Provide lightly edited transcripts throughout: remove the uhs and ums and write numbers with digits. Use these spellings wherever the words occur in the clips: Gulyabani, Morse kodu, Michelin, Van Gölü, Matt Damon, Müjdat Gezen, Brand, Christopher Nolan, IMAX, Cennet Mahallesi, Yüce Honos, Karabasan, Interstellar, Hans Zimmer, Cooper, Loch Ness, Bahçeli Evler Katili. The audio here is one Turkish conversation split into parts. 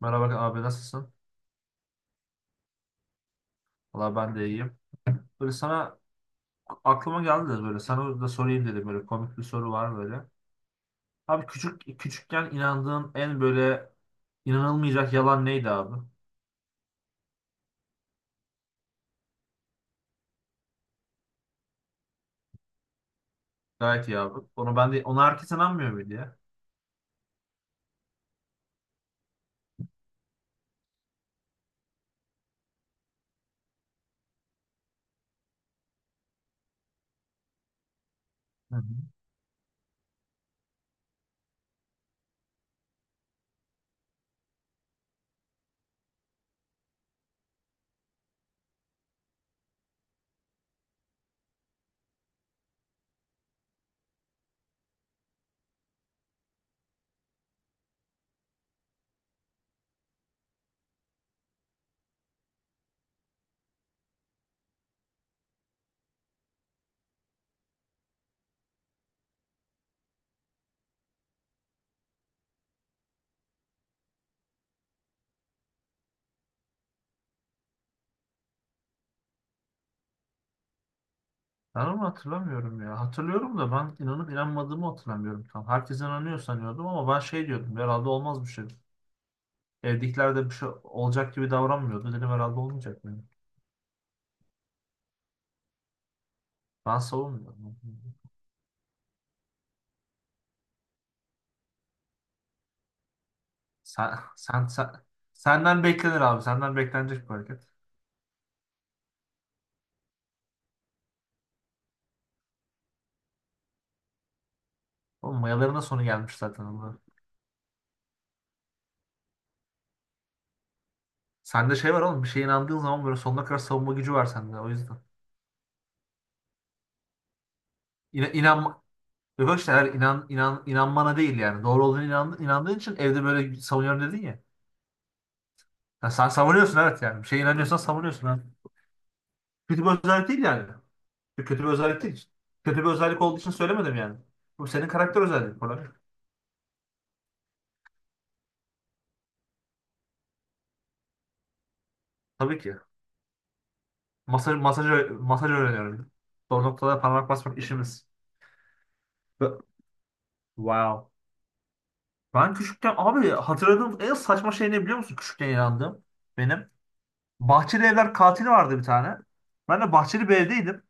Merhaba abi, nasılsın? Valla ben de iyiyim. Böyle sana Aklıma geldi de böyle sana da sorayım dedim, böyle komik bir soru var böyle. Abi küçükken inandığın en böyle inanılmayacak yalan neydi abi? Gayet iyi abi. Onu ben de Ona herkes inanmıyor muydu ya? Hı hı. Ben onu hatırlamıyorum ya. Hatırlıyorum da ben inanıp inanmadığımı hatırlamıyorum tam. Herkes inanıyor sanıyordum ama ben şey diyordum, herhalde olmaz bir şey. Evdekiler de bir şey olacak gibi davranmıyordu. Dedim herhalde olmayacak mı? Ben savunmuyorum. Sen, sen, sen- Senden beklenir abi. Senden beklenecek bir hareket. Oğlum mayaların da sonu gelmiş zaten Allah. Sende şey var oğlum. Bir şeye inandığın zaman böyle sonuna kadar savunma gücü var sende. O yüzden. İna, inanma, Yok işte, eğer inanmana değil yani. Doğru olduğunu inandığın için evde böyle savunuyorum dedin ya. Ya sen savunuyorsun evet yani. Bir şeye inanıyorsan savunuyorsun, ha. Kötü bir özellik değil yani. Kötü bir özellik değil. Kötü bir özellik olduğu için söylemedim yani. Bu senin karakter özelliğin falan. Tabii ki. Masaj öğreniyorum. Doğru noktada parmak basmak işimiz. Ve- Wow. Ben küçükken abi hatırladığım en saçma şey ne biliyor musun? Küçükken inandığım benim. Bahçeli Evler Katili vardı bir tane. Ben de bahçeli bir evdeydim.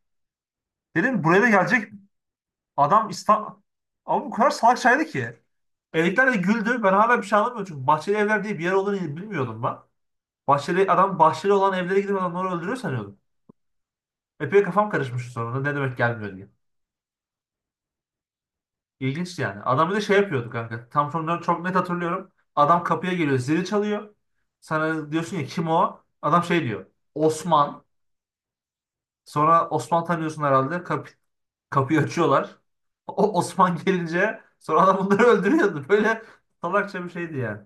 Dedim buraya da gelecek adam ama bu kadar salak şeydi ki. Evdekiler de güldü. Ben hala bir şey anlamıyorum çünkü bahçeli evler diye bir yer olduğunu bilmiyordum ben. Bahçeli adam bahçeli olan evlere gidip adamları öldürüyor sanıyordum. Epey kafam karışmıştı sonra, ne demek gelmiyor diye. İlginç yani. Adam bir de şey yapıyordu kanka. Tam sonları çok net hatırlıyorum. Adam kapıya geliyor, zili çalıyor. Sana diyorsun ya kim o? Adam şey diyor. Osman. Sonra Osman tanıyorsun herhalde. Kapıyı açıyorlar. O Osman gelince sonra adam bunları öldürüyordu. Böyle salakça bir şeydi yani.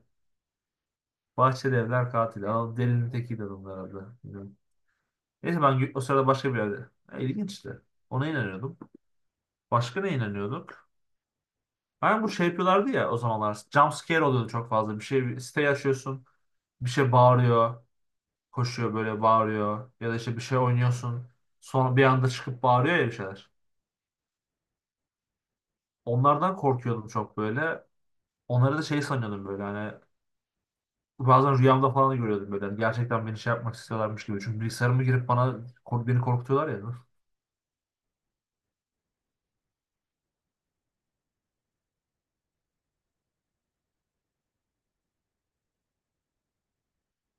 Bahçeli evler katili. Adam delinin tekiydi adam herhalde. Bilmiyorum. Neyse ben o sırada başka bir yerde. Ya, İlginçti. Ona inanıyordum. Başka ne inanıyorduk? Ben bu Şey yapıyorlardı ya o zamanlar. Jump scare oluyordu çok fazla. Bir siteyi açıyorsun. Bir şey bağırıyor. Koşuyor böyle bağırıyor. Ya da işte bir şey oynuyorsun. Sonra bir anda çıkıp bağırıyor ya bir şeyler. Onlardan korkuyordum çok böyle. Onları da şey sanıyordum böyle, hani bazen rüyamda falan görüyordum böyle. Hani gerçekten beni şey yapmak istiyorlarmış gibi. Çünkü bilgisayarıma girip beni korkutuyorlar ya.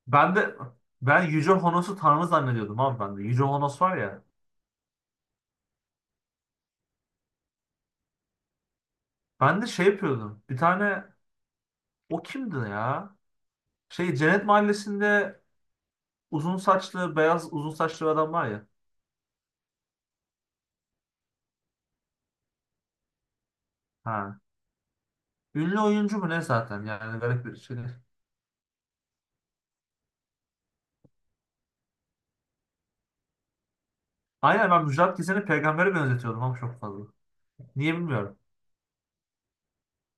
Ben de Ben Yüce Honos'u tanrı zannediyordum abi ben de. Yüce Honos var ya. Ben de şey yapıyordum. Bir tane, o kimdi ya? Şey, Cennet Mahallesi'nde uzun saçlı beyaz uzun saçlı bir adam var ya. Ha. Ünlü oyuncu mu ne, zaten yani garip bir şey. Aynen, ben Müjdat Gezen'i peygambere benzetiyordum ama çok fazla. Niye bilmiyorum.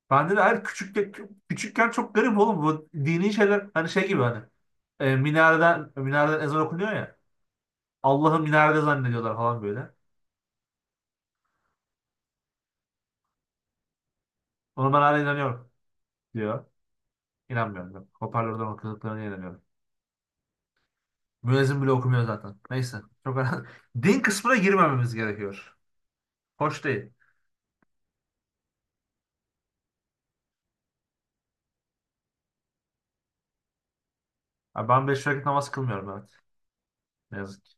Bende de her küçük küçükken çok garip oğlum bu dini şeyler, hani şey gibi, hani minareden ezan okunuyor ya. Allah'ı minarede zannediyorlar falan böyle. Ona ben hala inanıyorum diyor. İnanmıyorum ben. Hoparlörden okuduklarına inanıyorum. Müezzin bile okumuyor zaten. Neyse. Çok önemli. Din kısmına girmememiz gerekiyor. Hoş değil. Abi ben beş vakit namaz kılmıyorum, evet. Ne yazık ki.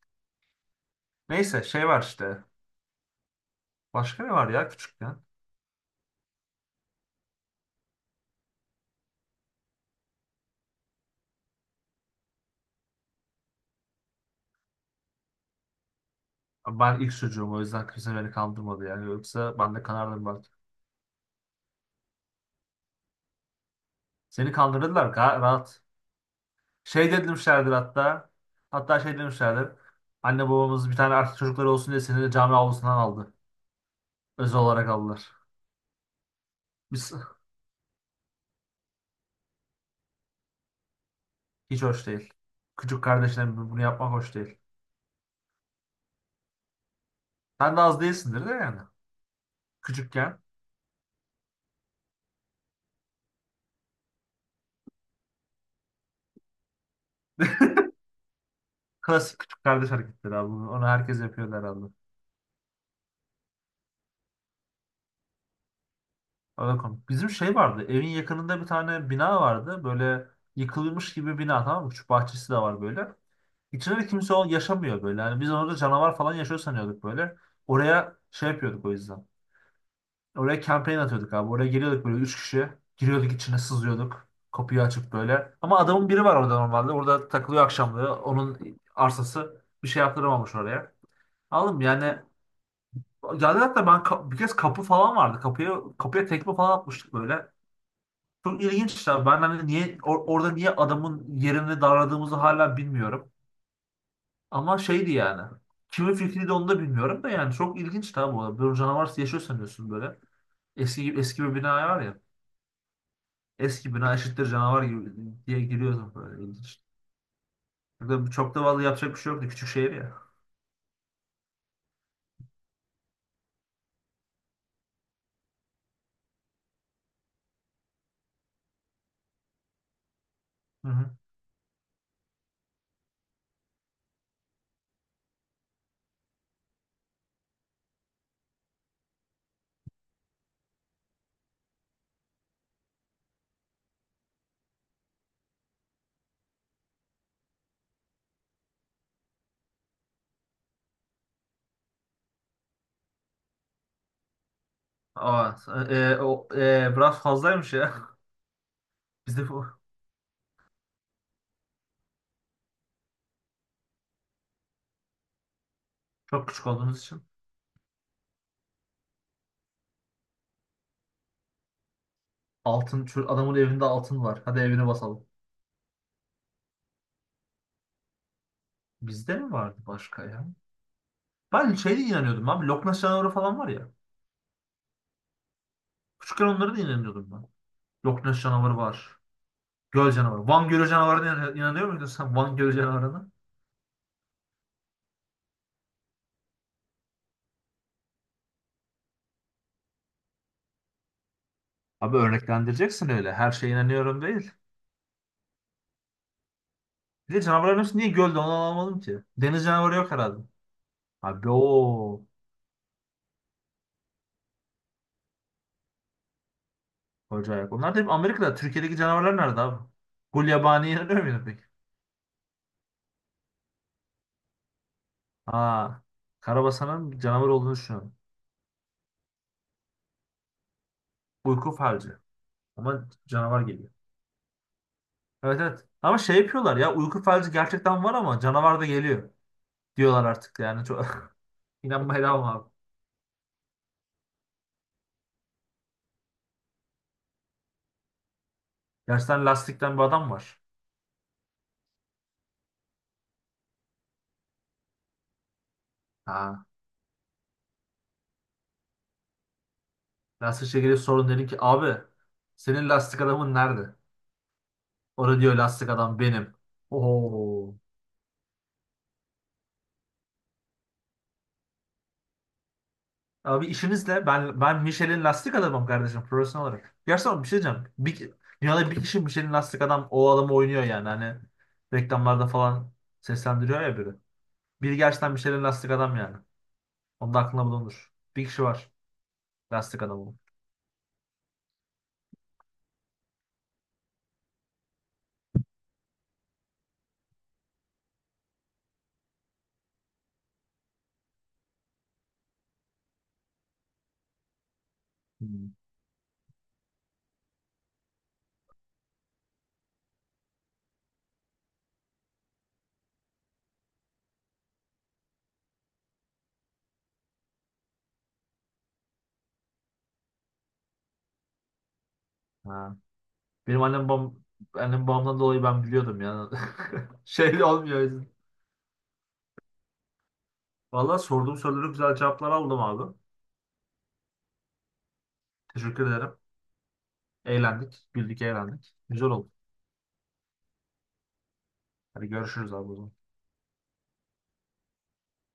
Neyse şey var işte. Başka ne var ya küçükken? Abi ben ilk çocuğum o yüzden kimse beni kandırmadı yani. Yoksa ben de kanardım belki. Seni kandırdılar rahat. Şey demişlerdir hatta. Hatta şey demişlerdir. Anne babamız bir tane erkek çocukları olsun diye seni de cami avlusundan aldı. Özel olarak aldılar. Biz, hiç hoş değil. Küçük kardeşine bunu yapmak hoş değil. Sen de az değilsindir de yani. Küçükken. Klasik küçük kardeş hareketleri abi. Onu herkes yapıyordu herhalde. Bakalım, bizim şey vardı. Evin yakınında bir tane bina vardı. Böyle yıkılmış gibi bina, tamam mı? Küçük bahçesi de var böyle. İçinde de kimse yaşamıyor böyle. Yani biz orada canavar falan yaşıyor sanıyorduk böyle. Oraya şey yapıyorduk o yüzden. Oraya kampanya atıyorduk abi. Oraya geliyorduk böyle üç kişi. Giriyorduk, içine sızıyorduk. Kapıyı açıp böyle. Ama adamın biri var orada normalde. Orada takılıyor akşamları. Onun arsası, bir şey yaptıramamış oraya. Aldım yani. Geldi hatta ben bir kez kapı falan vardı. Kapıya tekme falan atmıştık böyle. Çok ilginçler. Ben hani niye orada niye adamın yerini darladığımızı hala bilmiyorum. Ama şeydi yani. Kimin fikriydi onu da bilmiyorum da yani, çok ilginç tabi bu. Böyle canavar yaşıyor sanıyorsun böyle. Eski bir bina var ya. Eski bina eşittir canavar gibi diye giriyorsun böyle, ilginç. Burada çok da vallahi yapacak bir şey yoktu. Küçük şehir ya. Hı hı. Aa, biraz fazlaymış ya. Bizde bu- Çok küçük olduğumuz için. Altın, şu adamın evinde altın var. Hadi evine basalım. Bizde mi vardı başka ya? Ben şeye de inanıyordum abi. Loch Ness canavarı falan var ya. Küçükken onlara da inanıyordum ben. Loch Ness canavarı var. Göl canavarı. Van Gölü canavarına inanıyor muydun sen Van Gölü canavarına? Abi örneklendireceksin öyle. Her şeye inanıyorum değil. Bir de canavarların hepsi niye gölde, onu anlamadım ki. Deniz canavarı yok herhalde. Abi o acayip. Onlar da hep Amerika'da. Türkiye'deki canavarlar nerede abi? Gulyabani'ye inanıyor muydun peki? Aa, Karabasan'ın canavar olduğunu düşünüyorum. Uyku falcı. Ama canavar geliyor. Evet, evet. Ama şey yapıyorlar ya, uyku felci gerçekten var ama canavar da geliyor diyorlar artık yani. Çok... İnanmaya devam abi. Gerçekten lastikten bir adam var. Ha. Lastikçiye gelip sorun dedim ki, abi senin lastik adamın nerede? Orada diyor, lastik adam benim. Oo. Abi işinizle ben Michelin lastik adamım kardeşim, profesyonel olarak. Gerçekten bir şey diyeceğim. Dünyada bir kişi Michelin lastik adam, o adamı oynuyor yani. Hani reklamlarda falan seslendiriyor ya biri. Biri gerçekten Michelin lastik adam yani. Onun da aklında bulunur. Bir kişi var. Lastik adamı. Hmm. Ha. Benim annem babam Annem babamdan dolayı ben biliyordum yani. Şey olmuyor, o yüzden. Vallahi sorduğum soruları güzel cevaplar aldım abi. Teşekkür ederim. Eğlendik. Güldük, eğlendik. Güzel oldu. Hadi görüşürüz abi o zaman.